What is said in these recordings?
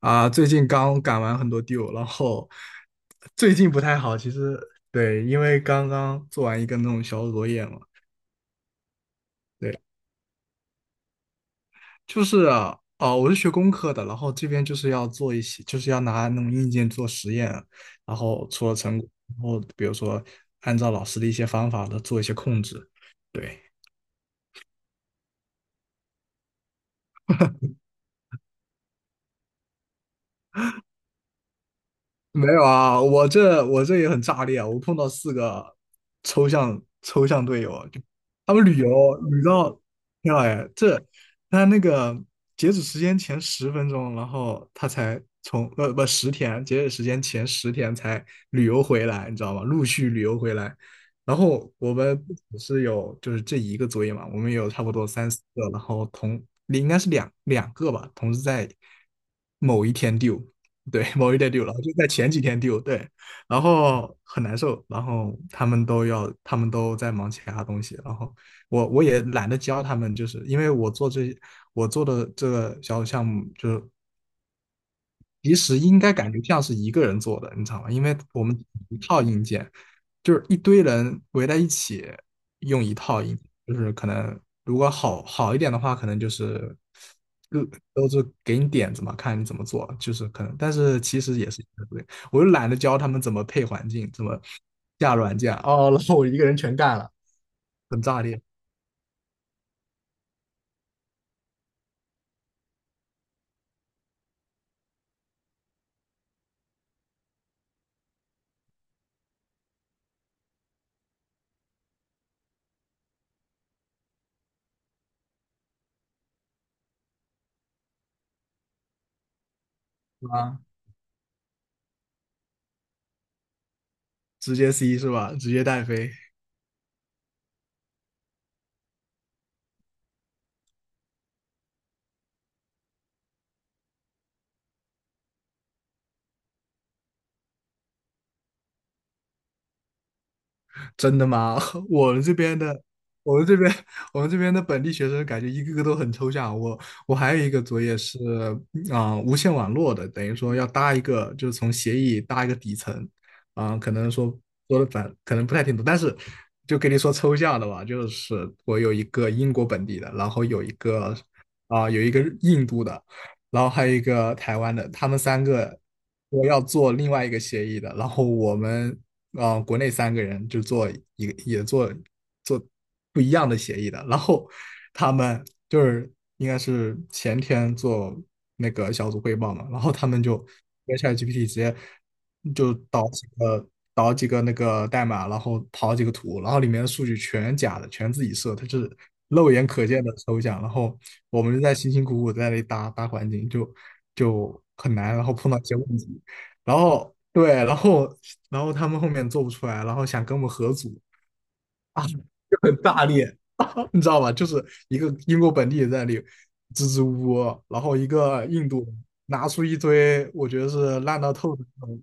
啊，最近刚赶完很多 due，然后最近不太好。其实对，因为刚刚做完一个那种小组作业嘛，对，就是啊，哦，我是学工科的，然后这边就是要做一些，就是要拿那种硬件做实验，然后出了成果，然后比如说按照老师的一些方法的做一些控制，对。没有啊，我这也很炸裂啊！我碰到四个抽象抽象队友啊就他们旅游旅到，天呐哎，这他那个截止时间前10分钟，然后他才从不十天，截止时间前十天才旅游回来，你知道吗？陆续旅游回来，然后我们不只是有就是这一个作业嘛，我们有差不多三四个，然后同应该是两个吧，同时在某一天丢。对，某一天丢了，就在前几天丢，对，然后很难受，然后他们都要，他们都在忙其他东西，然后我也懒得教他们，就是因为我做的这个小项目，就是其实应该感觉像是一个人做的，你知道吗？因为我们一套硬件，就是一堆人围在一起用一套硬件就是可能如果好好一点的话，可能就是各都是给你点子嘛，看你怎么做，就是可能，但是其实也是一个对，我又懒得教他们怎么配环境，怎么下软件，哦，然后我一个人全干了，很炸裂，是吧？直接 C 是吧？直接带飞。真的吗？我们这边的，我们这边，我们这边的本地学生感觉一个个都很抽象。我还有一个作业是无线网络的，等于说要搭一个，就是从协议搭一个底层可能说说的反，可能不太听懂，但是就跟你说抽象的吧，就是我有一个英国本地的，然后有一个有一个印度的，然后还有一个台湾的，他们三个我要做另外一个协议的，然后我们国内三个人就做一个也做不一样的协议的，然后他们就是应该是前天做那个小组汇报嘛，然后他们就跟 ChatGPT 直接就导几个那个代码，然后跑几个图，然后里面的数据全假的，全自己设，它是肉眼可见的抽象，然后我们就在辛辛苦苦在那里搭搭环境，就很难，然后碰到一些问题。然后对，然后他们后面做不出来，然后想跟我们合组啊，就很大力，你知道吧？就是一个英国本地人在那里支支吾吾，然后一个印度人拿出一堆我觉得是烂到透的那种，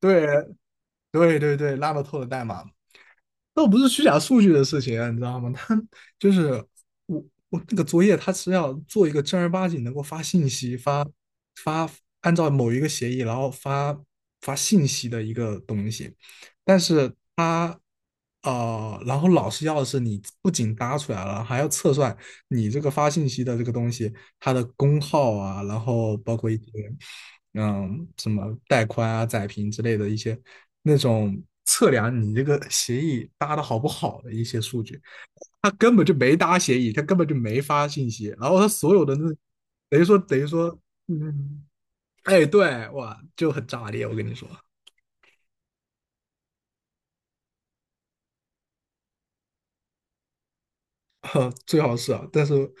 对对对对，烂到透的代码，倒不是虚假数据的事情啊，你知道吗？他就是我我那个作业，他是要做一个正儿八经能够发信息、发按照某一个协议，然后发信息的一个东西。但是他然后老师要的是你不仅搭出来了，还要测算你这个发信息的这个东西它的功耗啊，然后包括一些什么带宽啊、载频之类的一些那种测量你这个协议搭的好不好的一些数据，他根本就没搭协议，他根本就没发信息，然后他所有的那等于说，嗯，哎，对，哇，就很炸裂，我跟你说，最好是啊，但是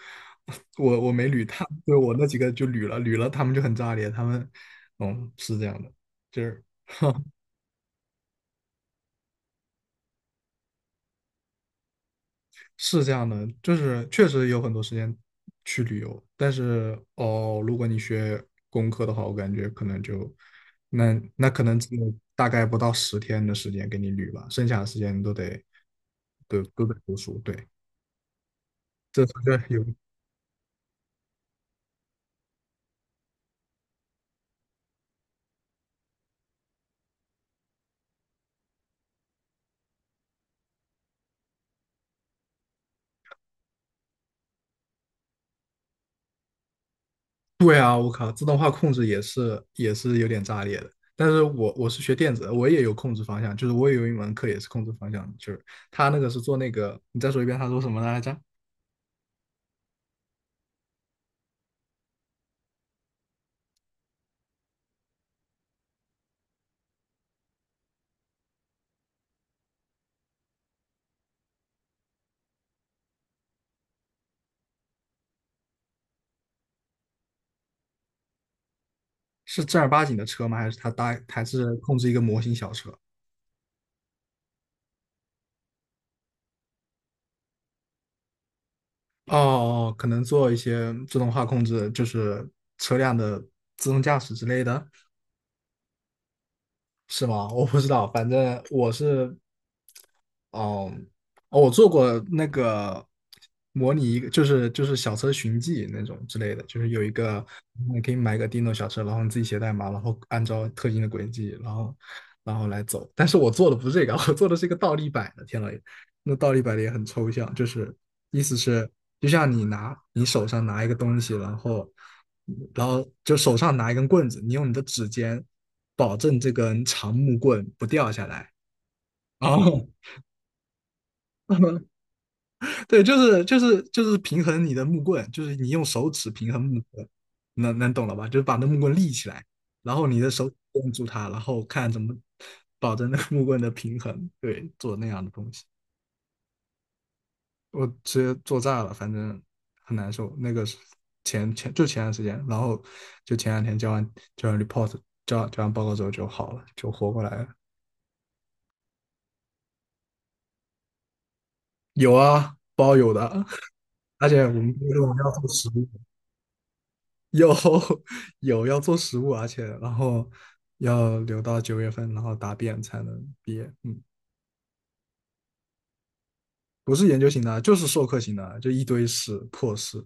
我没捋他，对我那几个就捋了，他们就很炸裂，他们嗯是这样的，就是。是这样的，就是确实有很多时间去旅游，但是哦，如果你学工科的话，我感觉可能就那可能只有大概不到十天的时间给你旅吧，剩下的时间都得都得读书。对，这有对啊，我靠，自动化控制也是有点炸裂的。但是我是学电子的我也有控制方向，就是我也有一门课也是控制方向，就是他那个是做那个，你再说一遍，他说什么来着？是正儿八经的车吗？还是它搭还是控制一个模型小车？哦哦，可能做一些自动化控制，就是车辆的自动驾驶之类的，是吗？我不知道，反正我是哦，哦，我做过那个模拟一个，就是小车寻迹那种之类的，就是有一个你可以买一个 Dino 小车，然后你自己写代码，然后按照特定的轨迹，然后来走。但是我做的不是这个，我做的是一个倒立摆的。天老爷，那倒立摆的也很抽象，就是意思是就像你拿你手上拿一个东西，然后就手上拿一根棍子，你用你的指尖保证这根长木棍不掉下来。然后。对，就是平衡你的木棍，就是你用手指平衡木棍，能懂了吧？就是把那木棍立起来，然后你的手指摁住它，然后看怎么保证那个木棍的平衡。对，做那样的东西，我直接做炸了，反正很难受。那个是前段时间，然后就前两天交完 report，交完报告之后就好了，就活过来了。有啊，包有的，而且我们因为我们要做实物，有 有要做实务，而且然后要留到9月份，然后答辩才能毕业。嗯，不是研究型的，就是授课型的，就一堆事破事。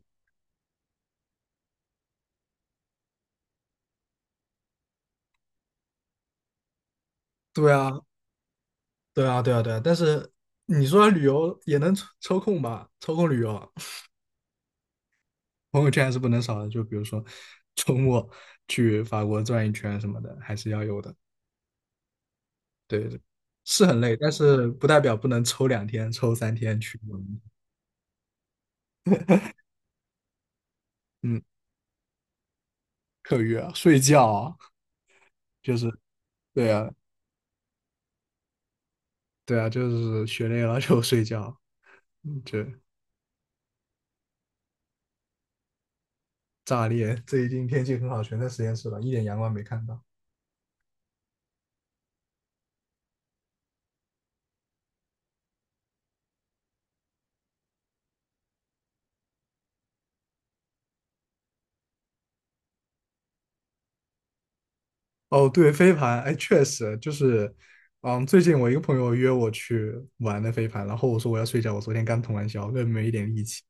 对啊，对啊，对啊，对啊。但是你说旅游也能抽抽空吧？抽空旅游，朋友圈还是不能少的。就比如说周末去法国转一圈什么的，还是要有的。对，是很累，但是不代表不能抽两天、抽3天去嗯，课余啊，睡觉啊，就是对啊，对啊，就是学累了就睡觉，就炸裂。最近天气很好，全在实验室了，一点阳光没看到。哦，对，飞盘，哎，确实就是，嗯，最近我一个朋友约我去玩的飞盘，然后我说我要睡觉，我昨天刚通完宵，根本没一点力气。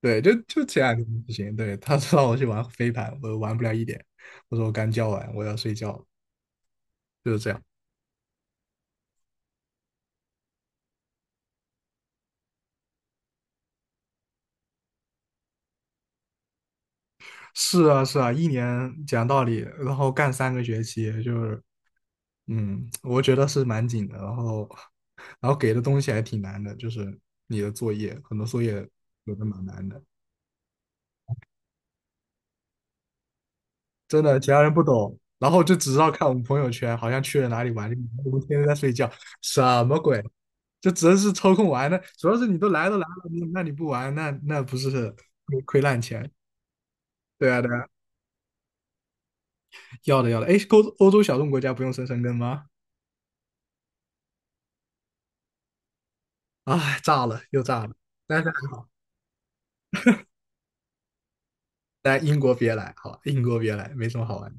对，就前两天不行，对，他让我去玩飞盘，我玩不了一点，我说我刚教完，我要睡觉了就是这样。是啊，是啊，一年讲道理，然后干3个学期，就是嗯，我觉得是蛮紧的，然后，然后给的东西还挺难的，就是你的作业，很多作业有的蛮难的，真的，其他人不懂，然后就只知道看我们朋友圈，好像去了哪里玩，我们天天在睡觉，什么鬼？就只能是抽空玩的，主要是你都来了，那你不玩，那不是亏烂钱？对啊，对啊，要的要的，哎，欧洲小众国家不用生根吗？哎，炸了又炸了，但是来英国别来，好吧，英国别来，没什么好玩的。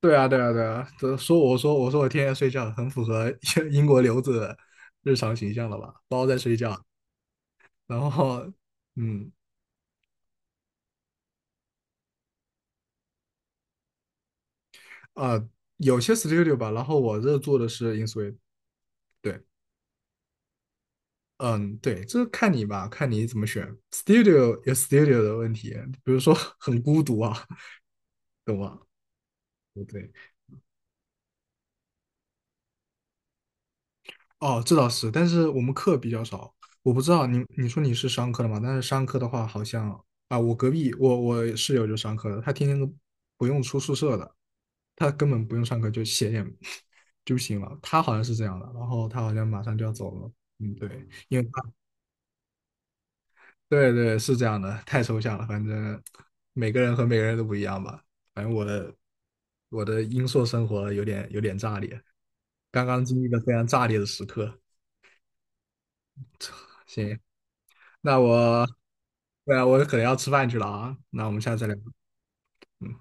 对啊，对啊，对啊，这说我天天睡觉，很符合 英国留子的日常形象了吧？包在睡觉，然后嗯啊、有些 studio 吧，然后我这做的是 InSuite，对，嗯对，这看你吧，看你怎么选。studio 有 studio 的问题，比如说 很孤独啊，懂吗？不对。哦，这倒是，但是我们课比较少，我不知道你你说你是商科的嘛？但是商科的话，好像啊，我隔壁我室友就商科的，他天天都不用出宿舍的，他根本不用上课就写点 就行了，他好像是这样的，然后他好像马上就要走了，嗯，对，因为他对对是这样的，太抽象了，反正每个人和每个人都不一样吧，反正我的英硕生活有点炸裂，刚刚经历了非常炸裂的时刻。行，那我，对啊，我可能要吃饭去了啊，那我们下次再聊。嗯。